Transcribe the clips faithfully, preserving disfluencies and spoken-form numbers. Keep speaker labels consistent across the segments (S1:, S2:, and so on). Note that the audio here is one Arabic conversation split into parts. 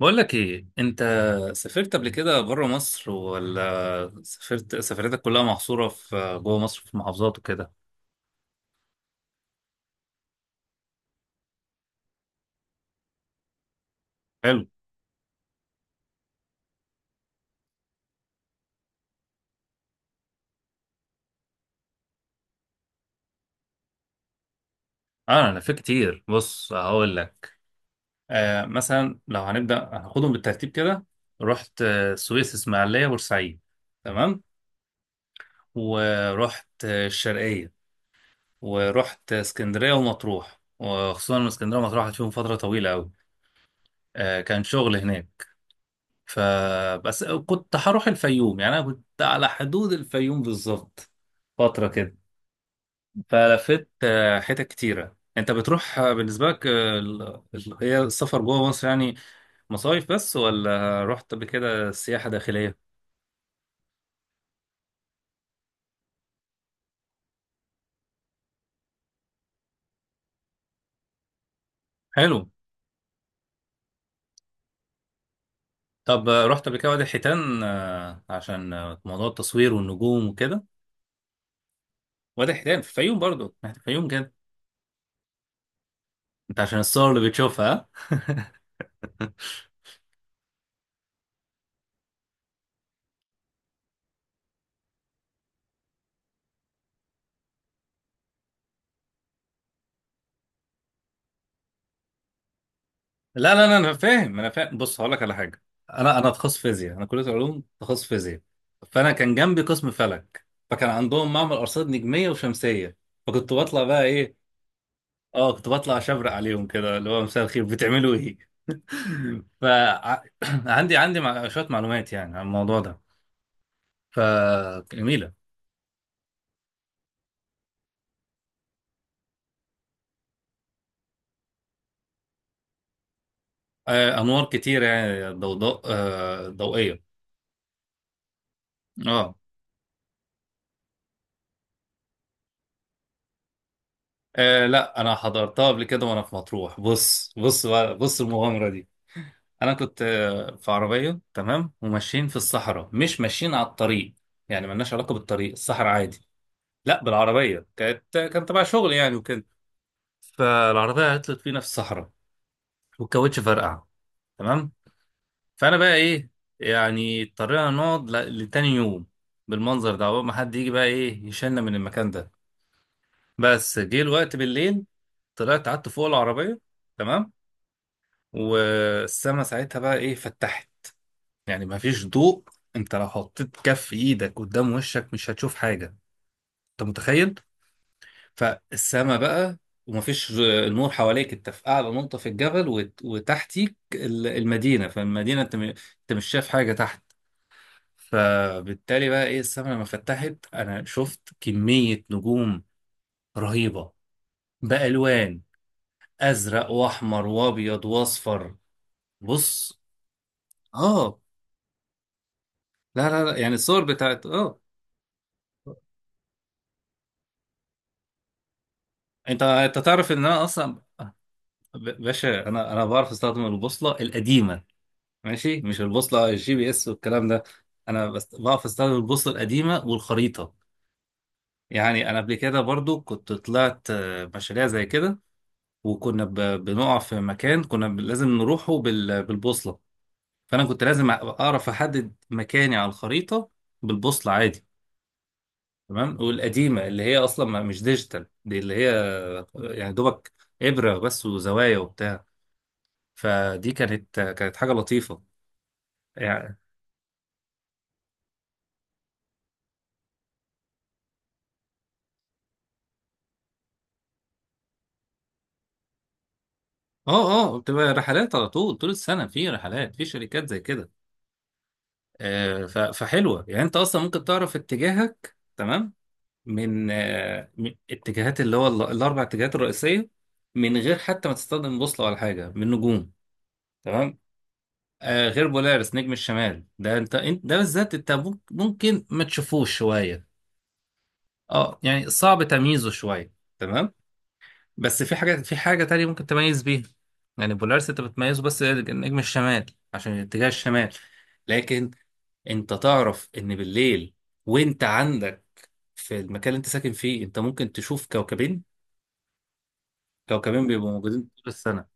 S1: بقول لك ايه انت، سافرت قبل كده بره مصر، ولا سافرت سفريتك كلها محصوره في جوه مصر في محافظات وكده؟ حلو. اه، انا في كتير، بص هقول لك. آه مثلا لو هنبدا هناخدهم بالترتيب كده. رحت آه، السويس، اسماعيليه، بورسعيد. تمام. ورحت آه، الشرقيه. ورحت آه، اسكندريه ومطروح، وخصوصا إن اسكندريه ومطروح قعدت فيهم فتره طويله قوي. آه كان شغل هناك. فبس كنت هروح الفيوم، يعني انا كنت على حدود الفيوم بالظبط فتره كده. فلفت آه، حتت كتيره، انت بتروح آه، بالنسبه لك آه، ال- ال- هي السفر جوه مصر يعني. مصايف بس، ولا رحت قبل كده سياحه داخليه؟ حلو. طب آه، رحت قبل كده وادي الحيتان آه، عشان آه، موضوع التصوير والنجوم وكده. وادي الحيتان في الفيوم، برضو في الفيوم كده. انت عشان الصور اللي بتشوفها، ها؟ لا لا لا، انا فاهم، انا فاهم، بص هقول لك على حاجه. انا انا تخصص فيزياء، انا كليه علوم تخصص فيزياء. فانا كان جنبي قسم فلك، فكان عندهم معمل ارصاد نجميه وشمسيه. فكنت بطلع بقى ايه. اه، كنت بطلع اشبرق عليهم كده، اللي هو مساء الخير بتعملوا ايه. فعندي عندي عندي مع- شويه معلومات يعني عن الموضوع ده. فجميله. آه انوار كتير، يعني ضوضاء آه ضوئيه. اه آه لا، انا حضرتها قبل كده وانا في مطروح، بص بص بقى- بص المغامره دي. انا كنت آه، في عربيه، تمام، وماشيين في الصحراء، مش ماشيين على الطريق. يعني ملناش علاقه بالطريق، الصحراء عادي. لا، بالعربيه كانت كان تبع شغل يعني وكده. فالعربيه عطلت فينا في الصحراء، والكاوتش فرقع. تمام. فانا بقى ايه، يعني اضطرينا نقعد ل- لتاني يوم بالمنظر ده، عقبال ما حد يجي بقى ايه يشيلنا من المكان ده. بس جه الوقت بالليل، طلعت قعدت فوق العربيه. تمام. والسما ساعتها بقى ايه فتحت، يعني مفيش ضوء. انت لو حطيت كف ايدك قدام وشك مش هتشوف حاجة. انت متخيل؟ فالسما بقى، ومفيش نور حواليك، انت في اعلى نقطة في الجبل، وت- وتحتيك ال- المدينة، فالمدينة انت م- انت مش شايف حاجة تحت. فبالتالي بقى ايه السما لما فتحت انا شفت كمية نجوم رهيبة، بألوان، ازرق واحمر وابيض واصفر. بص. اه، لا لا لا، يعني الصور بتاعت اه انت انت تعرف ان انا اصلا، ب- باشا، انا انا بعرف استخدم البوصله القديمه، ماشي، مش البوصله الجي بي اس والكلام ده. انا بس بعرف استخدم البوصله القديمه والخريطه. يعني انا قبل كده برضو كنت طلعت آه، مشاريع زي كده، وكنا ب- بنقع في مكان، كنا ب- لازم نروحه بال- بالبوصله. فانا كنت لازم أ- اعرف احدد مكاني على الخريطه بالبوصله عادي. تمام. والقديمه اللي هي اصلا ما- مش ديجيتال، دي اللي هي آه، يعني دوبك، ابره بس وزوايا وبتاع. فدي كانت كانت حاجه لطيفه. يعني اه. اه، بتبقى رحلات على طول، طول السنة، في رحلات في شركات زي كده. آه ف- فحلوة، يعني انت اصلا ممكن تعرف اتجاهك تمام من آه من اتجاهات اللي هو ال- الاربع اتجاهات الرئيسية، من غير حتى ما تستخدم بوصلة ولا حاجة، من نجوم. تمام. آه غير بولارس نجم الشمال ده، انت انت ده بالذات انت ممكن ممكن ما تشوفوش شوية. اه، يعني صعب تمييزه شوية. تمام. بس في حاجة في حاجة تانية ممكن تميز بيها. يعني بولارس انت بتميزه، بس نجم الشمال عشان اتجاه الشمال. لكن انت تعرف ان بالليل، وانت عندك في المكان اللي انت ساكن فيه، انت ممكن تشوف كوكبين، كوكبين بيبقوا موجودين طول السنة.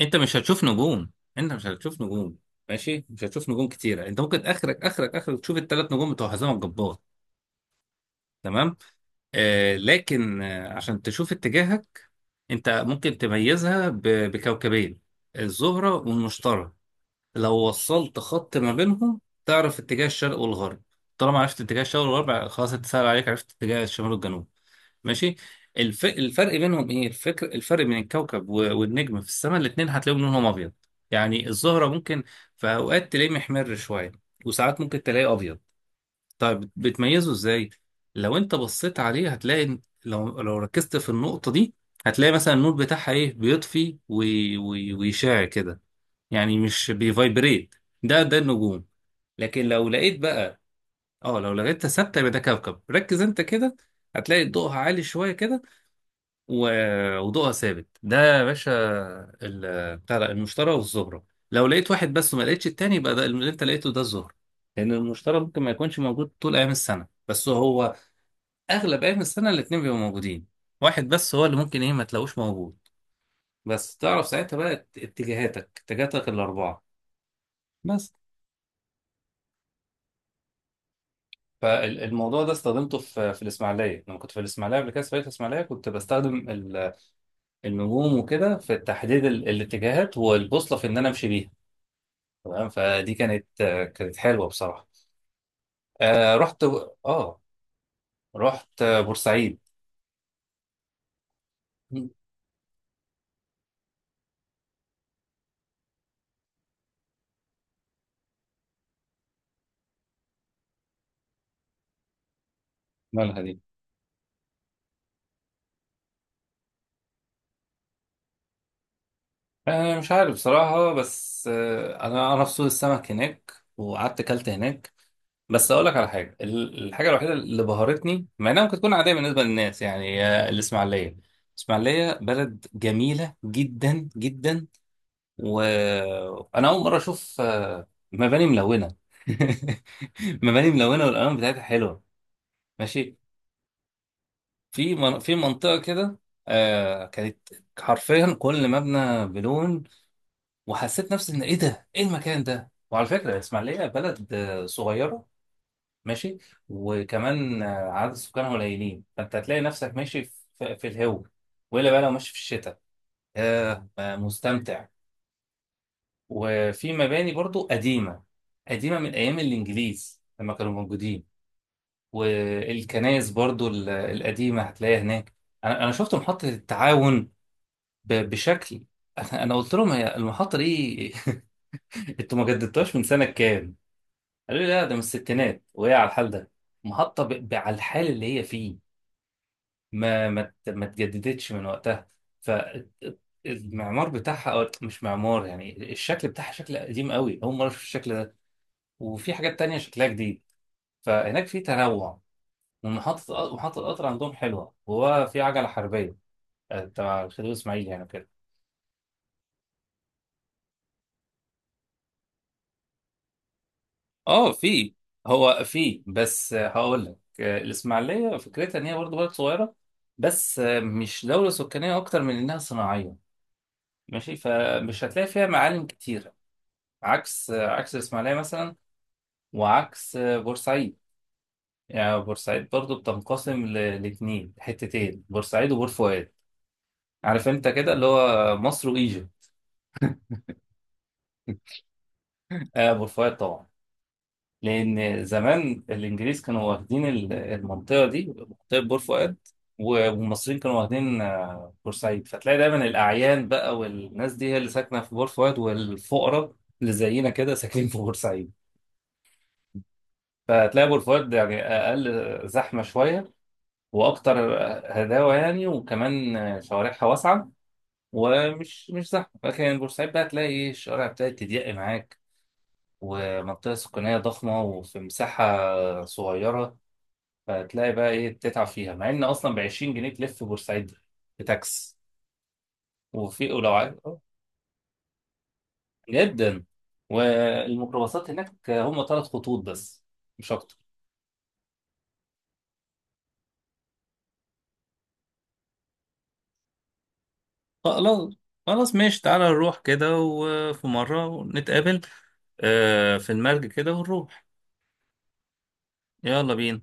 S1: انت مش هتشوف نجوم. انت مش هتشوف نجوم. ماشي، مش هتشوف نجوم كتيرة، انت ممكن اخرك اخرك اخرك تشوف الثلاث نجوم بتوع حزام الجبار. تمام. آه، لكن آه، عشان تشوف اتجاهك، انت ممكن تميزها ب- بكوكبين، الزهرة والمشتري. لو وصلت خط ما بينهم تعرف اتجاه الشرق والغرب. طالما عرفت اتجاه الشرق والغرب، خلاص، انت سهل عليك عرفت اتجاه الشمال والجنوب. ماشي. الف... الفرق بينهم ايه، الفكر الفرق بين الكوكب و- والنجم في السماء، الاتنين هتلاقيهم لونهم ابيض. يعني الزهرة ممكن في اوقات تلاقيه محمر شوية، وساعات ممكن تلاقيه ابيض. طيب بتميزه ازاي؟ لو انت بصيت عليه هتلاقي إن- لو لو ركزت في النقطة دي، هتلاقي مثلا النور بتاعها ايه بيطفي وي- وي- ويشع كده، يعني مش بيفايبريت. ده ده النجوم. لكن لو لقيت بقى، اه لو لقيتها ثابتة يبقى ده كوكب، ركز انت كده، هتلاقي ضوءها عالي شوية كده، و- وضوءها ثابت ده يا باشا. ال- بتاع ده، المشتري والزهرة. لو لقيت واحد بس وما لقيتش التاني، يبقى ده اللي انت لقيته ده الزهرة، لأن المشتري ممكن ما يكونش موجود طول أيام السنة، بس هو اغلب ايام السنه الاتنين بيبقوا موجودين. واحد بس هو اللي ممكن ايه ما تلاقوش موجود. بس تعرف ساعتها بقى ات- اتجاهاتك اتجاهاتك الاربعه. بس، فالموضوع ده استخدمته في في الاسماعيليه، لما كنت في الاسماعيليه قبل كده في فريق الاسماعيليه، كنت بستخدم ال- النجوم وكده في تحديد ال- الاتجاهات والبوصله في ان انا امشي بيها. تمام. فدي كانت آه، كانت حلوه بصراحه. آه رحت اه رحت بورسعيد. مالها دي؟ أه، مش عارف بصراحة، بس أه أنا أنا في سوق السمك هناك، وقعدت أكلت هناك. بس أقول لك على حاجة، ال- الحاجة الوحيدة اللي بهرتني، مع إنها ممكن تكون عادية بالنسبة للناس، يعني آه، الإسماعيلية. الإسماعيلية بلد جميلة جدا جدا، وأنا أول مرة أشوف آه، مباني ملونة. مباني ملونة، والألوان بتاعتها حلوة. ماشي. في من... في منطقة كده آه كانت حرفيا كل مبنى بلون، وحسيت نفسي ان ايه ده، ايه المكان ده. وعلى فكره الاسماعيليه بلد آه، صغيره. ماشي، وكمان آه، عدد سكانها قليلين، فانت هتلاقي نفسك ماشي في, في الهو، والا بقى لو ماشي في الشتاء، ياه آه، مستمتع. وفي مباني برضو قديمه، قديمه من ايام الانجليز لما كانوا موجودين، والكنائس برضو ال- القديمه هتلاقيها هناك. انا انا شفت محطه التعاون ب- بشكل انا أنا قلت لهم هي المحطه دي، انتوا ما جددتوهاش من سنه كام؟ قالوا لي لا، ده من الستينات وهي على الحال ده، محطة ب- ب- على الحال اللي هي فيه، ما ما ت- ما اتجددتش من وقتها. فالمعمار بتاعها، أو مش معمار يعني الشكل بتاعها، شكل قديم قوي، أول مرة أشوف الشكل ده، وفي حاجات تانية شكلها جديد، فهناك في تنوع. ومحطة محطة القطر عندهم حلوة، وهو في عجلة حربية آه، تبع الخديوي إسماعيل يعني. اه، في. هو في بس هقول لك، آه، الاسماعيليه فكرتها ان هي برضه بلد صغيره، بس آه، مش دوله سكانيه اكتر من انها صناعيه. ماشي، فمش هتلاقي فيها معالم كتيره، عكس آه، عكس الاسماعيليه مثلا، وعكس آه، بورسعيد. يعني بورسعيد برضه بتنقسم ل- لاتنين حتتين، بورسعيد وبور فؤاد، عارف انت كده، اللي هو مصر وايجيبت. آه بور فؤاد طبعا، لأن زمان الإنجليز كانوا واخدين ال- المنطقة دي، منطقة بور فؤاد، و- والمصريين كانوا واخدين آه، بورسعيد. فتلاقي دايما الأعيان بقى، والناس دي هي اللي ساكنة في بور فؤاد، والفقراء اللي زينا كده ساكنين في بورسعيد. فتلاقي بور فؤاد يعني أقل زحمة شوية، وأكتر هداوة يعني، وكمان آه، شوارعها واسعة، ومش مش زحمة. لكن بورسعيد بقى تلاقي إيه الشوارع بتاعت تضيق معاك، ومنطقة سكانية ضخمة، وفي مساحة صغيرة. فتلاقي بقى ايه تتعب فيها، مع ان اصلا ب عشرين جنيه تلف بورسعيد بتاكس. وفي ولو عايز آه، جدا. والميكروباصات هناك هم ثلاث خطوط بس، مش اكتر. خلاص، خلاص، ماشي، تعالى نروح كده، وفي مرة نتقابل آه، في المرج كده، ونروح. يلا بينا.